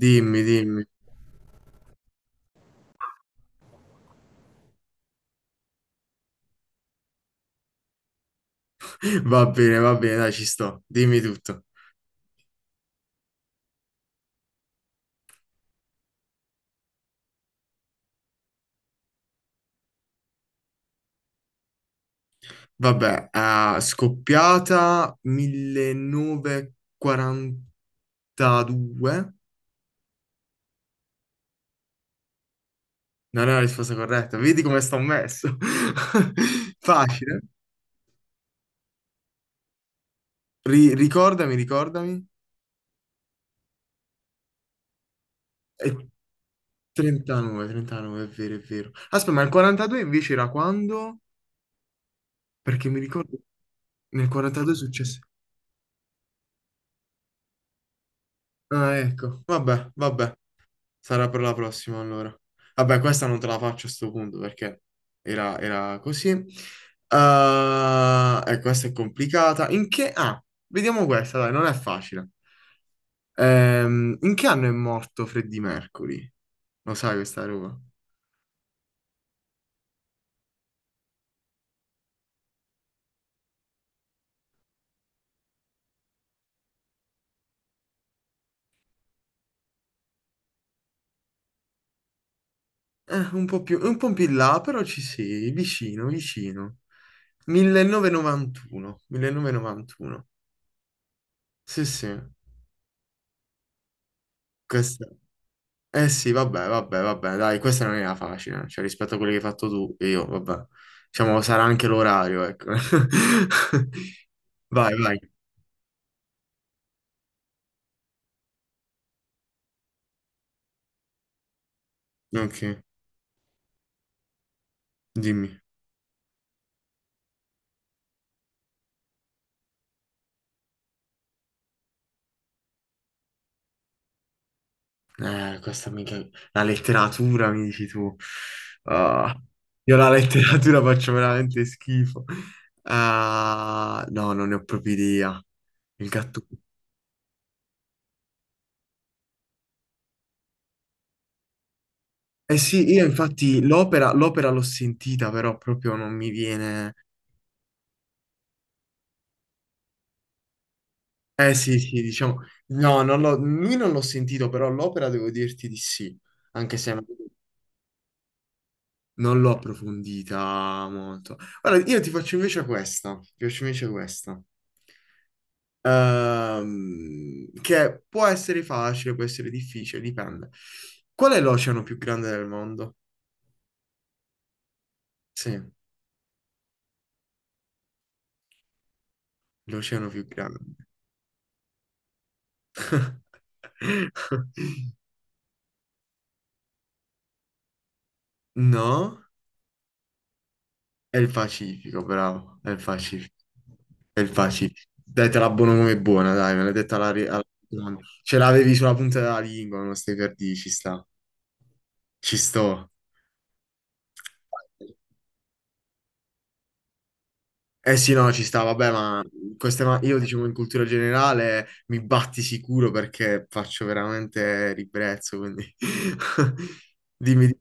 Dimmi, dimmi. Va bene, dai, ci sto. Dimmi tutto. Vabbè, scoppiata 1942. Non è la risposta corretta. Vedi come sto messo. Facile. Ricordami, ricordami. È 39, 39, è vero, è vero. Aspetta, ma il 42 invece era quando? Perché mi ricordo nel 42 è successo. Ah, ecco. Vabbè, vabbè. Sarà per la prossima allora. Vabbè, questa non te la faccio a sto punto perché era così. E questa è complicata. In che... Ah, vediamo questa, dai, non è facile. In che anno è morto Freddie Mercury? Lo sai questa roba? Un po' più in là, però ci sei, vicino, vicino. 1991, 1991. Sì, sì, questa. Eh sì, vabbè, vabbè, vabbè, dai, questa non era facile, cioè rispetto a quelli che hai fatto tu e io, vabbè. Diciamo, sarà anche l'orario, ecco. Vai, vai. Ok, dimmi. Questa mica... La letteratura, mi dici tu. Ah, io la letteratura faccio veramente schifo. Ah, no, non ne ho proprio idea. Il gatto... Eh sì, io infatti l'opera l'ho sentita, però proprio non mi viene... Eh sì, sì, diciamo, no, non l'ho- lui non l'ho sentito, però l'opera devo dirti di sì, anche se non l'ho approfondita molto. Allora, io ti faccio invece questa, che può essere facile, può essere difficile, dipende. Qual è l'oceano più grande del mondo? Sì, l'oceano più grande. No? È il Pacifico, bravo, è il Pacifico. È il Pacifico. Dai, te la buono come buona, dai, me l'hai detta alla... alla- Ce l'avevi sulla punta della lingua, non stai per dire, ci sta. Ci sto. Eh sì, no, ci sta, vabbè, ma queste io diciamo in cultura generale mi batti sicuro perché faccio veramente ribrezzo, quindi... Dimmi.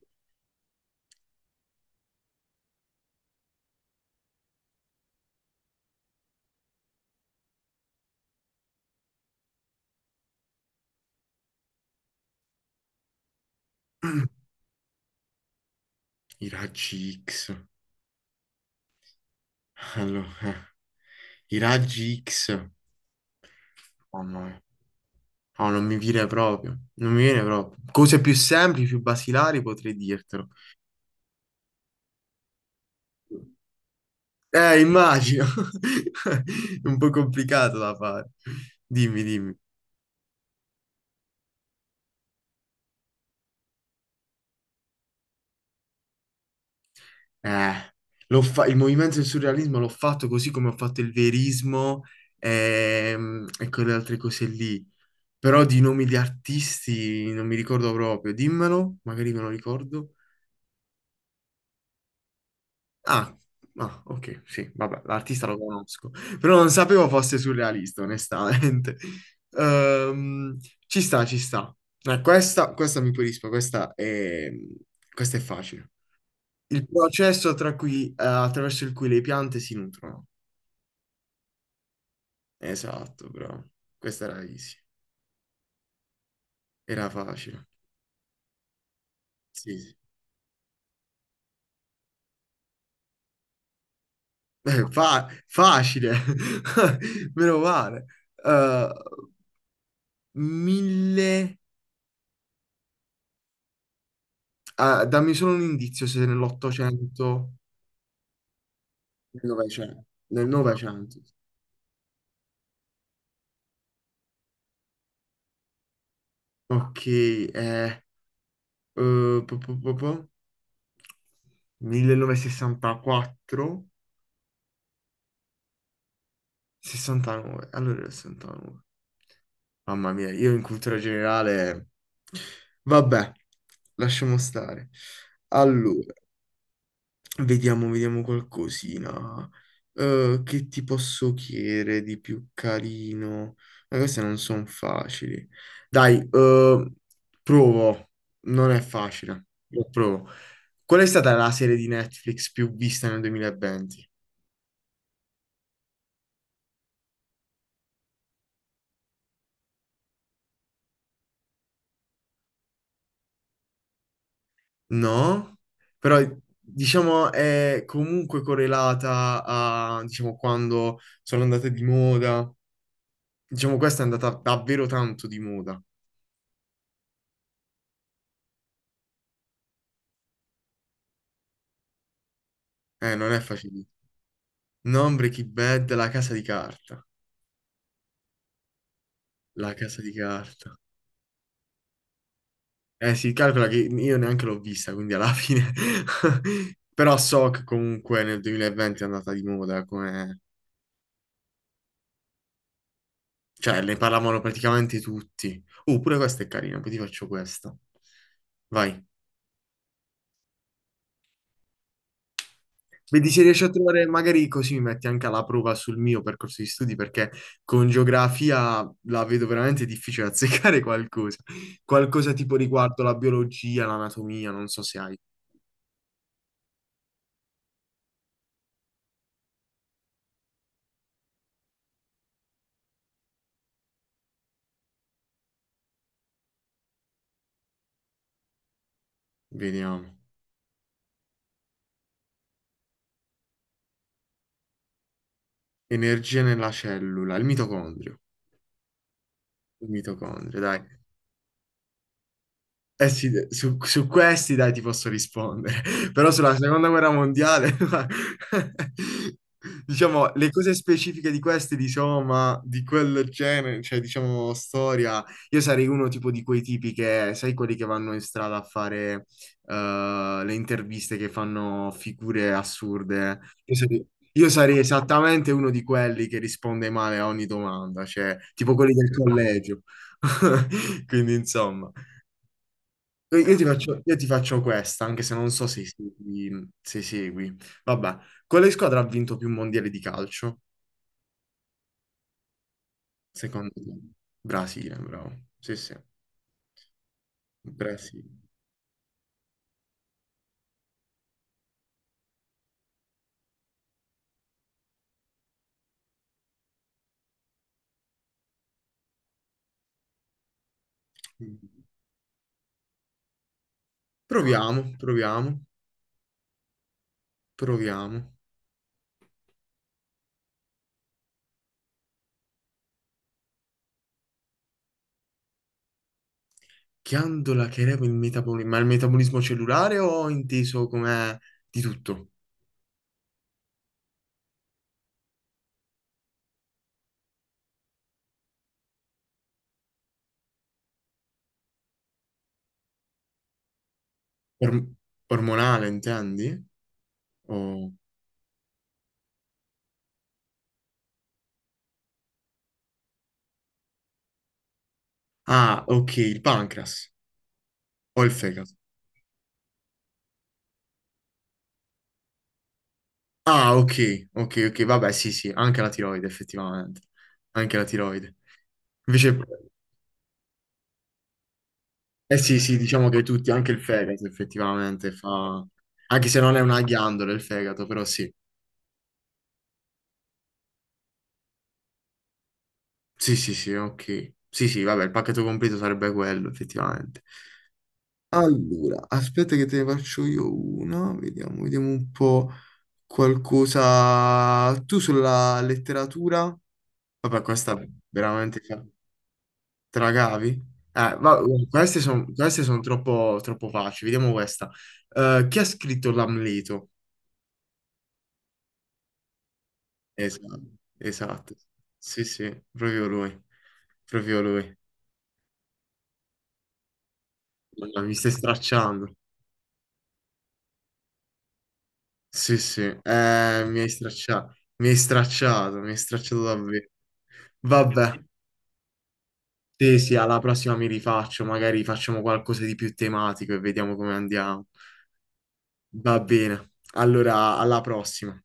I raggi X. Allora, i raggi X. Mamma mia. No, non mi viene proprio, non mi viene proprio. Cose più semplici, più basilari potrei dirtelo. Immagino. È un po' complicato da fare. Dimmi, dimmi. Eh, il movimento del surrealismo l'ho fatto così come ho fatto il verismo e quelle altre cose lì. Però di nomi di artisti non mi ricordo proprio. Dimmelo, magari me lo ricordo. Ah, ah, ok, sì, vabbè, l'artista lo conosco, però non sapevo fosse surrealista, onestamente. Ehm, ci sta, ci sta. Questa, questa mi pulisco, questa è facile. Il processo attraverso il cui le piante si nutrono. Esatto, bravo. Questa era easy, era facile. Sì, sì. Facile, meno male. Eh, mille... Ah, dammi solo un indizio se nell'Ottocento, nel Novecento. Nel Novecento. Ok, eh, po- po- po- po- 1964, 69. Allora era 69. Mamma mia, io in cultura generale... Vabbè, lasciamo stare. Allora, vediamo qualcosina. Che ti posso chiedere di più carino? Ma queste non sono facili. Dai, provo. Non è facile. Lo provo. Qual è stata la serie di Netflix più vista nel 2020? No, però diciamo è comunque correlata a, diciamo, quando sono andate di moda. Diciamo, questa è andata davvero tanto di moda. Non è facile. Non Breaking Bad, La casa di carta. La casa di carta. Si calcola che io neanche l'ho vista, quindi alla fine... Però so che comunque nel 2020 è andata di moda, come... Cioè, ne parlavano praticamente tutti. Pure questa è carina, poi ti faccio questa. Vai. Vedi se riesci a trovare, magari così mi metti anche alla prova sul mio percorso di studi, perché con geografia la vedo veramente difficile azzeccare qualcosa. Qualcosa tipo riguardo la biologia, l'anatomia, non so se hai. Vediamo. Energia nella cellula, il mitocondrio. Il mitocondrio, dai. Eh sì, su questi dai ti posso rispondere, però sulla seconda guerra mondiale, diciamo, le cose specifiche di questi, diciamo, ma di quel genere, cioè diciamo storia, io sarei uno tipo di quei tipi che, sai, quelli che vanno in strada a fare le interviste che fanno figure assurde. Io sarei, io sarei esattamente uno di quelli che risponde male a ogni domanda, cioè tipo quelli del collegio. Quindi insomma. Io ti faccio questa, anche se non so se segui, se segui. Vabbè, quale squadra ha vinto più mondiali di calcio, secondo te? Brasile, bravo. Sì, sì, Brasile. Proviamo, proviamo, proviamo. Ghiandola che regola il metabolismo, ma il metabolismo cellulare o inteso come di tutto? Or- ormonale, intendi? O- Ah, ok, il pancreas o il fegato. Ah, ok, ok, ok, vabbè, sì, sì, anche la tiroide, effettivamente. Anche la tiroide. Invece, eh sì, sì, diciamo che tutti, anche il fegato, effettivamente, fa... Anche se non è una ghiandola il fegato, però sì. Sì, sì, sì, ok. Sì, sì, vabbè, il pacchetto completo sarebbe quello, effettivamente. Allora, aspetta che te ne faccio io una, vediamo un po' qualcosa. Tu sulla letteratura? Vabbè, questa veramente... Te la cavi? Eh, va- queste sono queste son troppo, troppo facili. Vediamo questa. Chi ha scritto l'Amleto? Esatto, esatto. Sì, sì, proprio lui. Proprio lui. Madonna, mi stai stracciando. Sì, sì. Mi hai stracciato. Mi hai stracciato, mi hai stracciato davvero. Vabbè. Sì, sì, alla prossima mi rifaccio. Magari facciamo qualcosa di più tematico e vediamo come andiamo. Va bene. Allora, alla prossima.